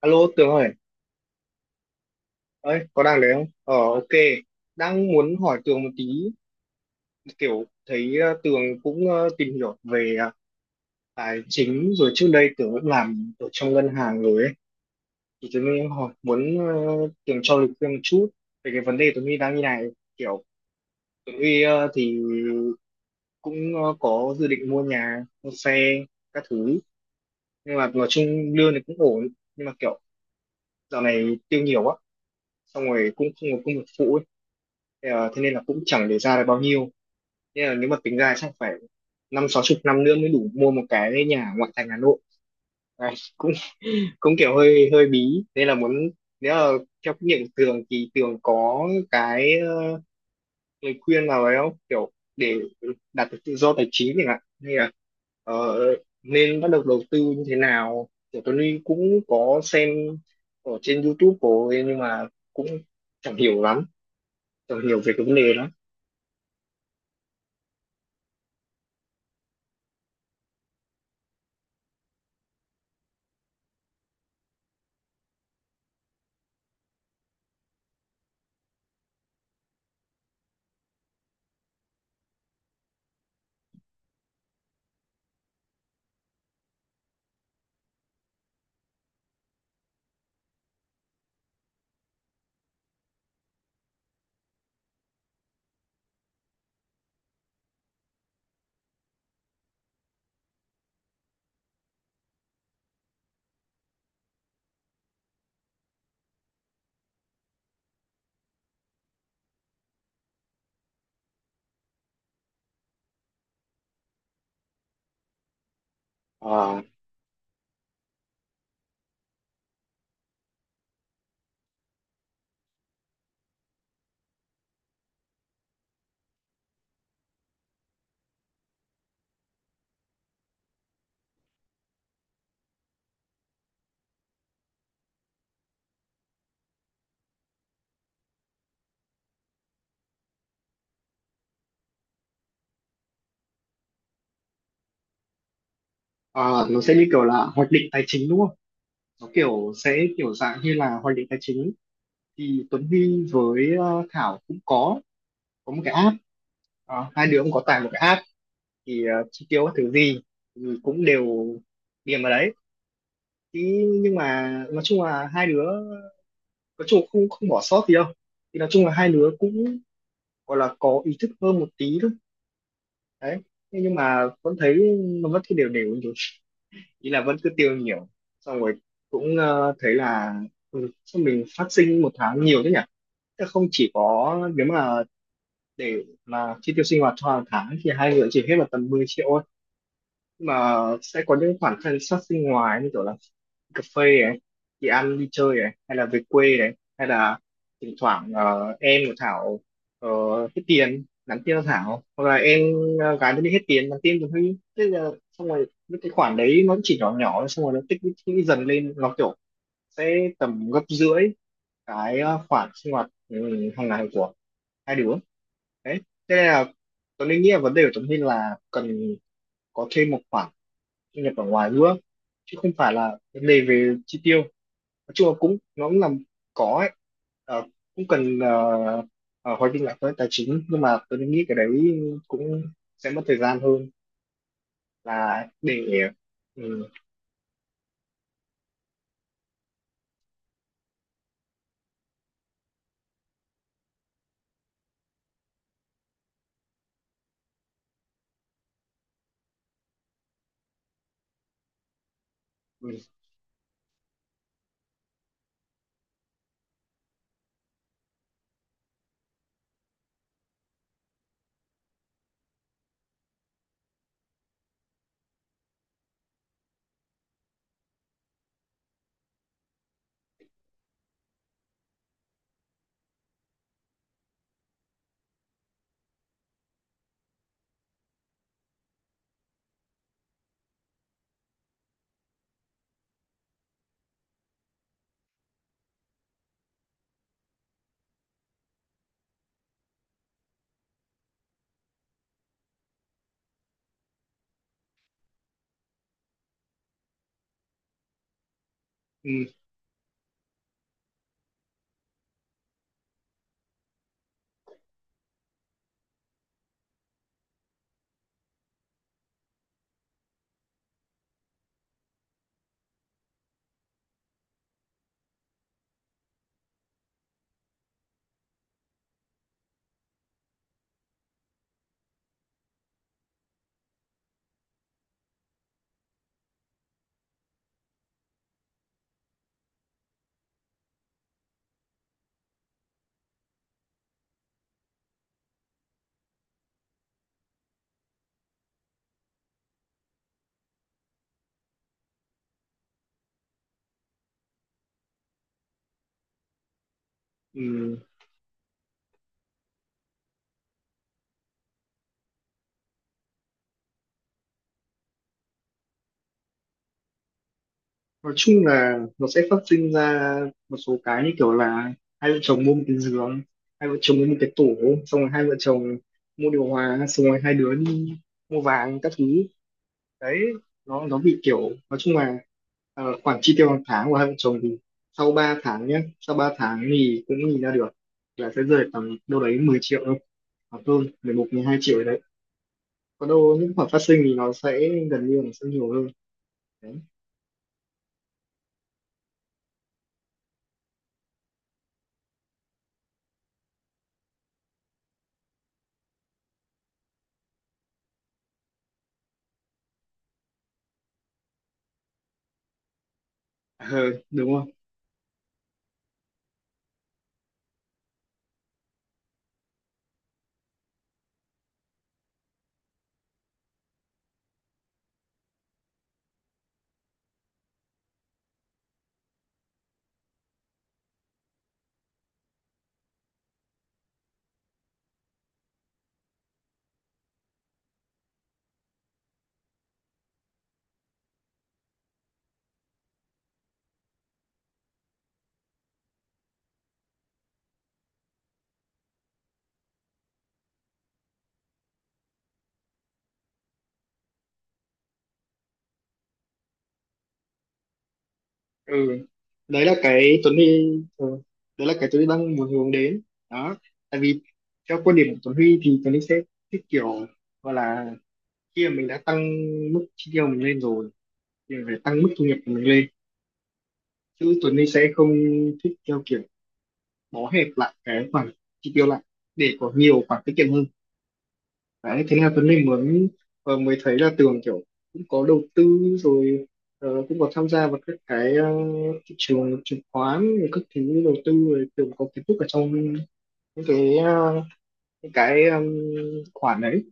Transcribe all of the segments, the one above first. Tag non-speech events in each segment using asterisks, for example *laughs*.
Alo Tường ơi, ơi có đang đấy không? Ờ, ok, đang muốn hỏi Tường một tí, kiểu thấy Tường cũng tìm hiểu về tài chính, rồi trước đây Tường cũng làm ở trong ngân hàng rồi ấy, thì Tường mới hỏi muốn Tường cho lời khuyên một chút về cái vấn đề Tường Huy đang như này, kiểu Tường Huy thì cũng có dự định mua nhà, mua xe, các thứ, nhưng mà nói chung lương thì cũng ổn, nhưng mà kiểu dạo này tiêu nhiều quá, xong rồi cũng không có công việc phụ ấy. Thế thế nên là cũng chẳng để ra được bao nhiêu, nên là nếu mà tính ra chắc phải 50, 60 năm nữa mới đủ mua một cái nhà ngoại thành Hà Nội. Đấy, cũng cũng kiểu hơi hơi bí nên là muốn, nếu là theo kinh nghiệm của Tường thì Tường có cái lời khuyên nào đấy không, kiểu để đạt được tự do tài chính chẳng hạn, hay là ờ, nên bắt đầu đầu tư như thế nào, kiểu Tuấn Huy cũng có xem ở trên YouTube của ấy, nhưng mà cũng chẳng hiểu lắm, chẳng hiểu về cái vấn đề đó. Ờ, ờ, nó sẽ như kiểu là hoạch định tài chính đúng không, nó kiểu sẽ kiểu dạng như là hoạch định tài chính. Thì Tuấn Huy với Thảo cũng có một cái app. Ờ, hai đứa cũng có tải một cái app, thì chi tiêu các thứ gì thì cũng đều điền vào đấy, thì nhưng mà nói chung là hai đứa, nói chung là không không bỏ sót gì đâu, thì nói chung là hai đứa cũng gọi là có ý thức hơn một tí thôi, đấy. Thế nhưng mà vẫn thấy nó vẫn cứ đều đều như thế, ý là vẫn cứ tiêu nhiều, xong rồi cũng thấy là sao mình phát sinh một tháng nhiều thế nhỉ. Thế không chỉ có, nếu mà để mà chi tiêu sinh hoạt cho hàng tháng thì hai người chỉ hết vào tầm 10 triệu thôi. Nhưng mà sẽ có những khoản thân sát sinh ngoài, như kiểu là cà phê này, đi ăn đi chơi này, hay là về quê này, hay là thỉnh thoảng em của Thảo ờ, hết tiền nhắn tin cho Thảo, hoặc là em gái nó đi hết tiền nhắn tin cho Huy, thế là xong rồi những cái khoản đấy nó chỉ nhỏ nhỏ, xong rồi nó tích lũy dần lên, nó kiểu sẽ tầm gấp rưỡi cái khoản sinh hoạt hàng ngày của hai đứa, đấy. Thế nên là tôi Linh nghĩ là vấn đề của Tuấn Linh là cần có thêm một khoản thu nhập ở ngoài nữa, chứ không phải là vấn đề về chi tiêu, nói chung là cũng nó cũng làm có ấy. Ờ, cũng cần hoạch định lại với tài chính, nhưng mà tôi nghĩ cái đấy cũng sẽ mất thời gian hơn là để. Ừ. Ừ. Ừ. Ừ. Nói chung là nó sẽ phát sinh ra một số cái như kiểu là hai vợ chồng mua một cái giường, hai vợ chồng mua một cái tủ, xong rồi hai vợ chồng mua điều hòa, xong rồi hai đứa đi mua vàng các thứ, đấy. Nó bị kiểu, nói chung là khoản chi tiêu hàng tháng của hai vợ chồng thì sau 3 tháng nhé, sau 3 tháng thì cũng nhìn ra được là sẽ rơi tầm đâu đấy 10 triệu thôi, hoặc hơn 11, 12 triệu đấy. Còn đâu những khoản phát sinh thì nó sẽ gần như là nó sẽ nhiều hơn, đấy. *laughs* Ờ, đúng rồi. Ừ, đấy là cái Tuấn Huy. Ừ, đấy là cái Tuấn Huy đang muốn hướng đến, đó. Tại vì theo quan điểm của Tuấn Huy thì Tuấn Huy sẽ thích kiểu gọi là, khi mà mình đã tăng mức chi tiêu mình lên rồi thì mình phải tăng mức thu nhập của mình lên, chứ Tuấn Huy sẽ không thích theo kiểu bó hẹp lại cái khoản chi tiêu lại để có nhiều khoản tiết kiệm hơn. Đấy, thế là Tuấn Linh mới mới thấy là Tường kiểu cũng có đầu tư rồi, cũng có tham gia vào các cái thị trường chứng khoán rồi các thứ đầu tư rồi, Tường có kiến thức ở trong những cái những cái khoản đấy,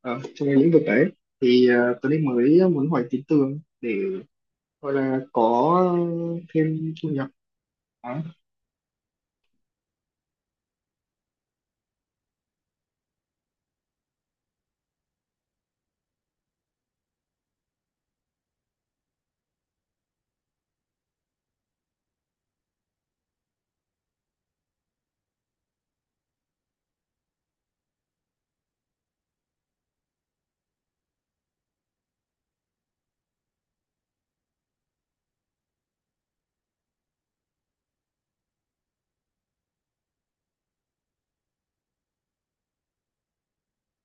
trong cái lĩnh vực đấy, thì Tuấn Linh mới muốn hỏi tí Tường để gọi là có thêm thu nhập, đó.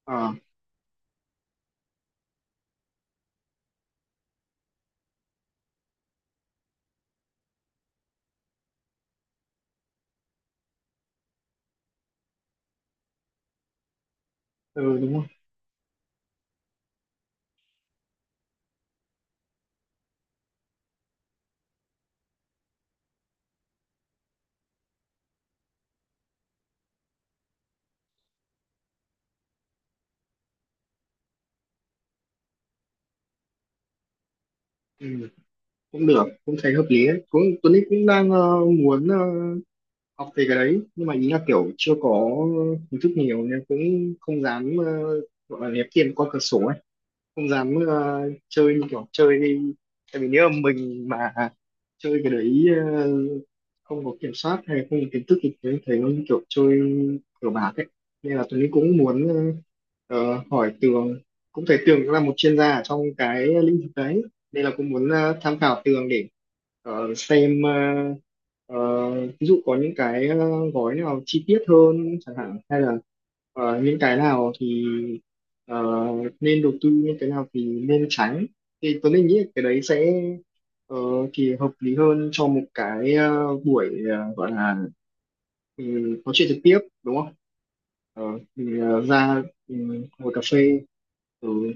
Ờ. Ừ, đúng không? Ừ, cũng được, cũng thấy hợp lý đấy, cũng Tuấn Linh cũng đang muốn học về cái đấy, nhưng mà ý là kiểu chưa có kiến thức nhiều nên cũng không dám gọi là ném tiền qua cửa sổ ấy, không dám chơi như kiểu chơi đi. Tại vì nếu mà mình mà chơi cái đấy, ờ, không có kiểm soát hay là không có kiến thức thì thấy thấy nó như kiểu chơi cờ bạc ấy, nên là Tuấn cũng muốn hỏi Tường, cũng thấy Tường cũng là một chuyên gia ở trong cái lĩnh vực đấy, nên là cũng muốn tham khảo Tường để xem, ờ, ví dụ có những cái gói nào chi tiết hơn chẳng hạn, hay là những cái nào thì ờ, nên đầu tư, những cái nào thì nên tránh, thì Tuấn Linh nghĩ là cái đấy sẽ ờ, thì hợp lý hơn cho một cái buổi gọi là ừ, nói chuyện trực tiếp, đúng không? Ờ, mình ra ừ, ngồi cà phê rồi.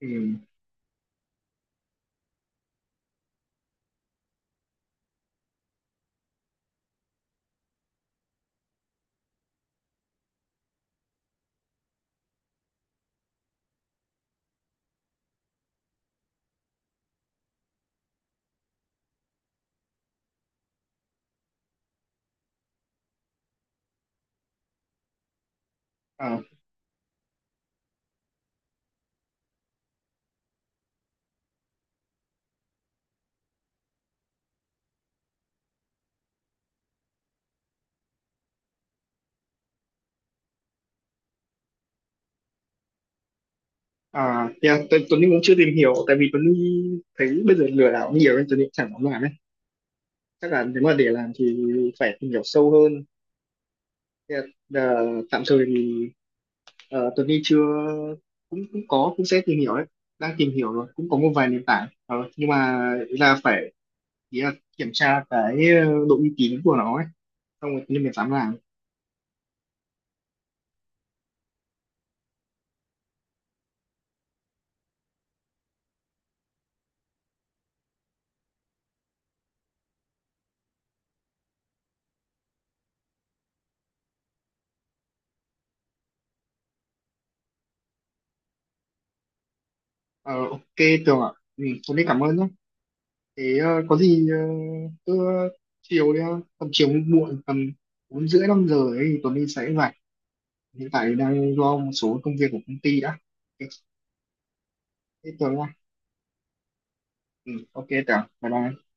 Ừ. À, à yeah, Tuấn Tuấn Linh cũng chưa tìm hiểu, tại vì Tuấn Linh thấy bây giờ lừa đảo nhiều nên Tuấn Linh chẳng dám làm ấy, chắc là nếu mà để làm thì phải tìm hiểu sâu hơn. Thế là, ờ, tạm thời thì, Tuấn Huy chưa, cũng cũng có, cũng sẽ tìm hiểu đấy, đang tìm hiểu rồi, cũng có một vài nền tảng. Ờ, nhưng mà ý là phải, ý là kiểm tra cái độ uy tín của nó ấy, xong rồi Tuấn Huy mới dám làm. Ờ, ok Tường ạ. Ừ, Tuấn Huy cảm ơn nhé, thế có gì cứ chiều đi ha, tầm chiều muộn tầm 4 rưỡi 5 giờ ấy thì Tuấn Huy sẽ rảnh, hiện tại đang lo một số công việc của công ty đã, ok. Thế Tường nha. Ừ, ok Tường bye bye.